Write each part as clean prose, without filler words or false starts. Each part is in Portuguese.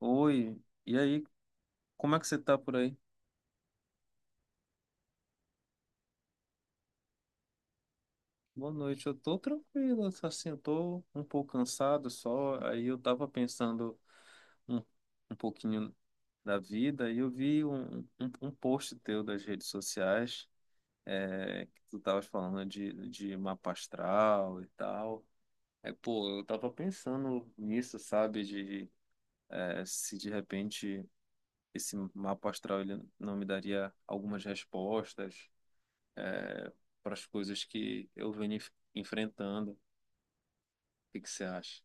Oi, e aí, como é que você tá por aí? Boa noite, eu tô tranquilo, assim, eu tô um pouco cansado só. Aí eu tava pensando um, um pouquinho da vida, e eu vi um post teu das redes sociais, é, que tu tava falando de mapa astral e tal. É, pô, eu tava pensando nisso, sabe, de é, se de repente esse mapa astral ele não me daria algumas respostas eh, para as coisas que eu venho enfrentando. O que que você acha?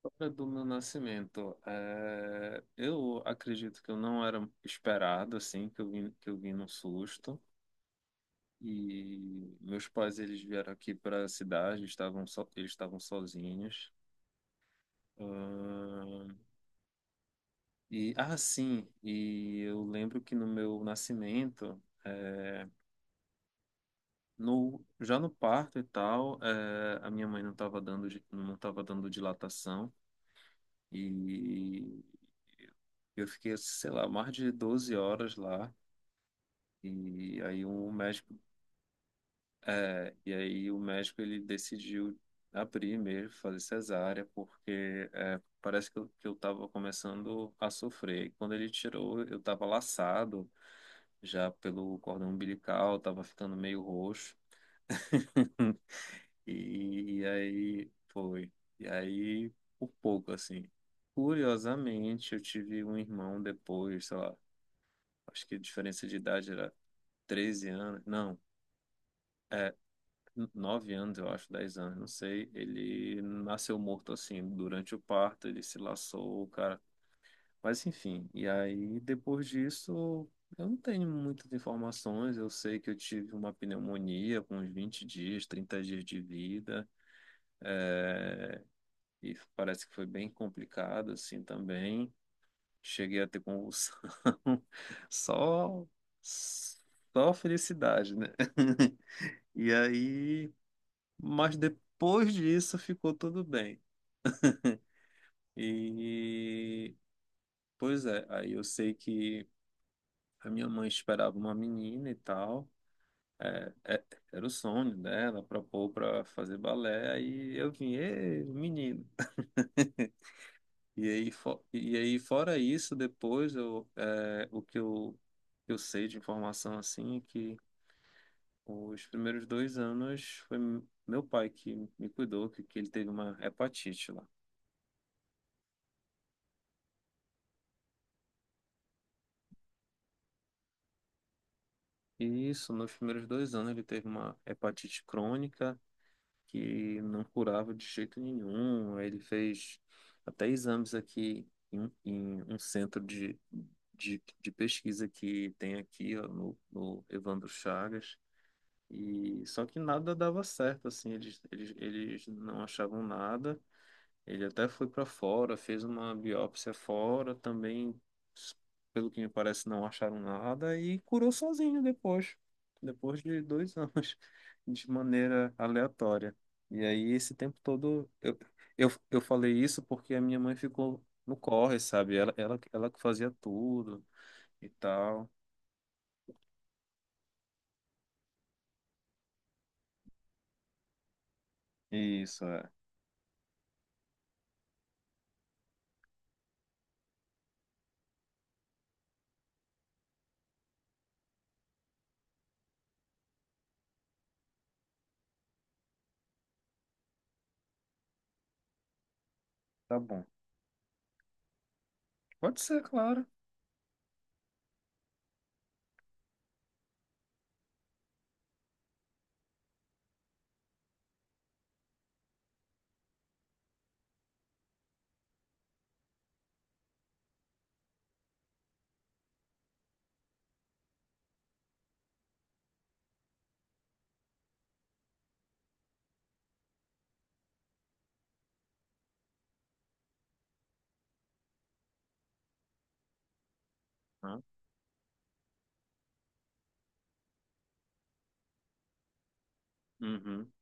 Sobre do meu nascimento, é, eu acredito que eu não era esperado, assim, que eu vim num susto. E meus pais, eles vieram aqui para a cidade, eles estavam sozinhos. Ahn, e, ah, sim, e eu lembro que no meu nascimento, é, no, já no parto e tal, é, a minha mãe não estava dando dilatação. E eu fiquei, sei lá, mais de 12 horas lá. E aí um médico, é, e aí o médico ele decidiu abrir mesmo, fazer cesárea, porque é, parece que eu tava começando a sofrer. E quando ele tirou, eu tava laçado já pelo cordão umbilical, tava ficando meio roxo. E, e aí foi. E aí, por pouco, assim. Curiosamente, eu tive um irmão depois, sei lá, acho que a diferença de idade era 13 anos, não, 9 anos, eu acho, 10 anos, não sei. Ele nasceu morto assim, durante o parto, ele se laçou, o cara. Mas enfim, e aí depois disso, eu não tenho muitas informações. Eu sei que eu tive uma pneumonia com uns 20 dias, 30 dias de vida, e parece que foi bem complicado assim também. Cheguei a ter convulsão, só, só felicidade, né? E aí, mas depois disso ficou tudo bem. E pois é, aí eu sei que a minha mãe esperava uma menina e tal. É, é, era o sonho dela, propôs para fazer balé, aí eu vim, ê, menino. E aí, e aí, fora isso, depois eu, é, o que eu sei de informação assim é que os primeiros 2 anos foi meu pai que me cuidou, que ele teve uma hepatite lá. Isso, nos primeiros 2 anos ele teve uma hepatite crônica que não curava de jeito nenhum. Aí ele fez até exames aqui um em um centro de pesquisa que tem aqui ó, no Evandro Chagas. E só que nada dava certo, assim, eles não achavam nada. Ele até foi para fora, fez uma biópsia fora também, pelo que me parece, não acharam nada e curou sozinho depois, depois de 2 anos, de maneira aleatória. E aí, esse tempo todo, eu falei isso porque a minha mãe ficou no corre, sabe? Ela que fazia tudo e tal. Isso, é. Tá bom. Pode ser, claro. Ah, uhum.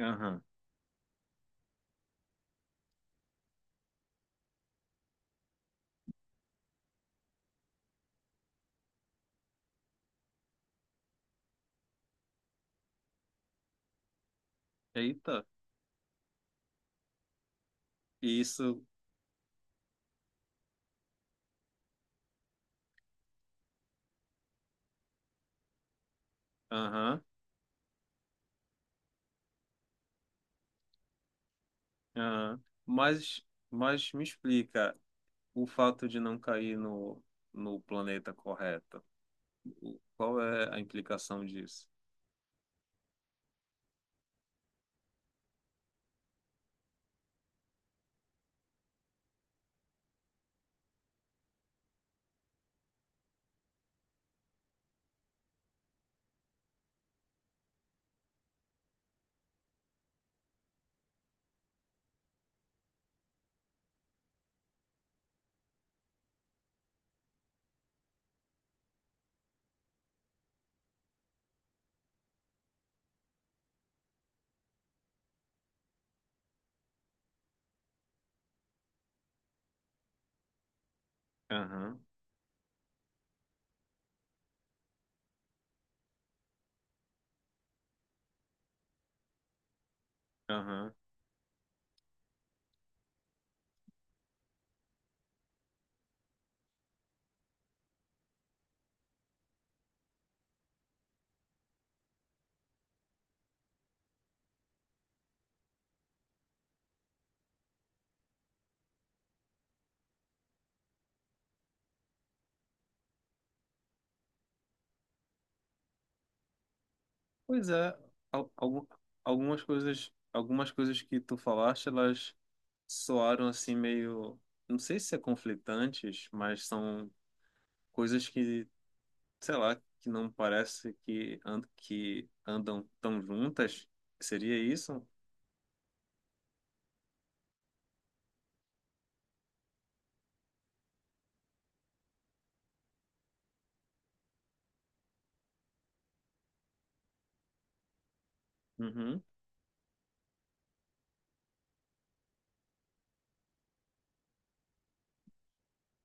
Aham. Eita, isso. Aham. Ah, mas, mas me explica o fato de não cair no planeta correto. O- qual é a implicação disso? Aham, aham. Pois é, al- algu- algumas coisas que tu falaste, elas soaram assim meio, não sei se é conflitantes, mas são coisas que, sei lá, que não parece que andam tão juntas. Seria isso? Uhum.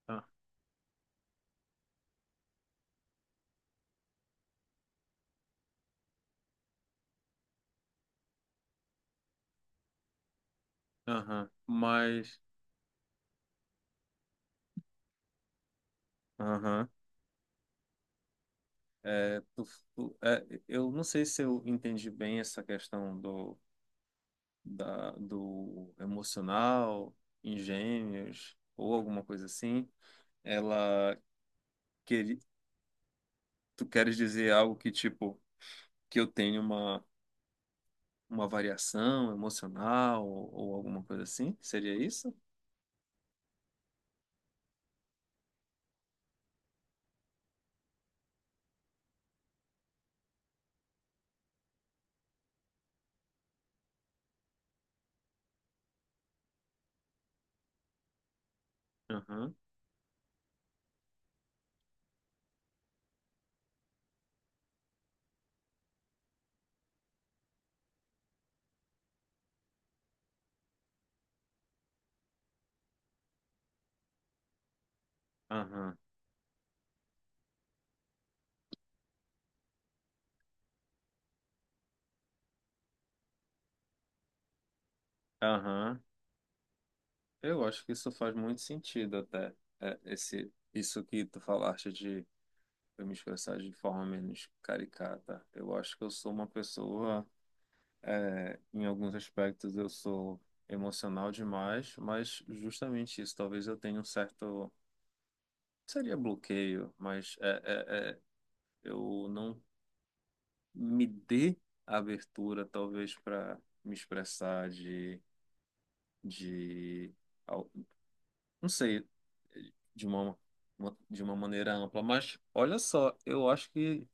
Ah, aham. Mas aham. É, é, eu não sei se eu entendi bem essa questão do, do emocional, engenhos ou alguma coisa assim. Ela quer, tu queres dizer algo que tipo que eu tenho uma variação emocional ou alguma coisa assim? Seria isso? Aham, aham, aham. Eu acho que isso faz muito sentido até, é, esse, isso que tu falaste de eu me expressar de forma menos caricata. Eu acho que eu sou uma pessoa, é, em alguns aspectos, eu sou emocional demais, mas justamente isso, talvez eu tenha um certo, seria bloqueio, mas é, eu não me dê abertura, talvez, para me expressar de al- não sei, de uma, de uma maneira ampla. Mas olha só, eu acho que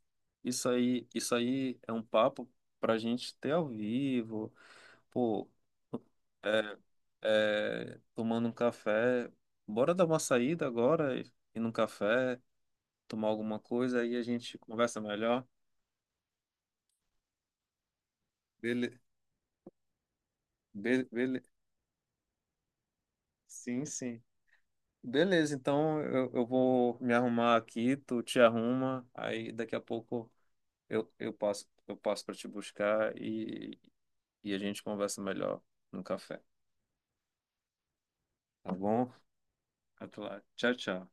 isso aí é um papo pra gente ter ao vivo, pô, é, tomando um café. Bora dar uma saída agora, ir num café, tomar alguma coisa, aí a gente conversa melhor. Bele, bele, sim, sim. Beleza, então eu vou me arrumar aqui, tu te arruma, aí daqui a pouco eu passo para te buscar e a gente conversa melhor no café, tá bom? Até lá. Tchau, tchau.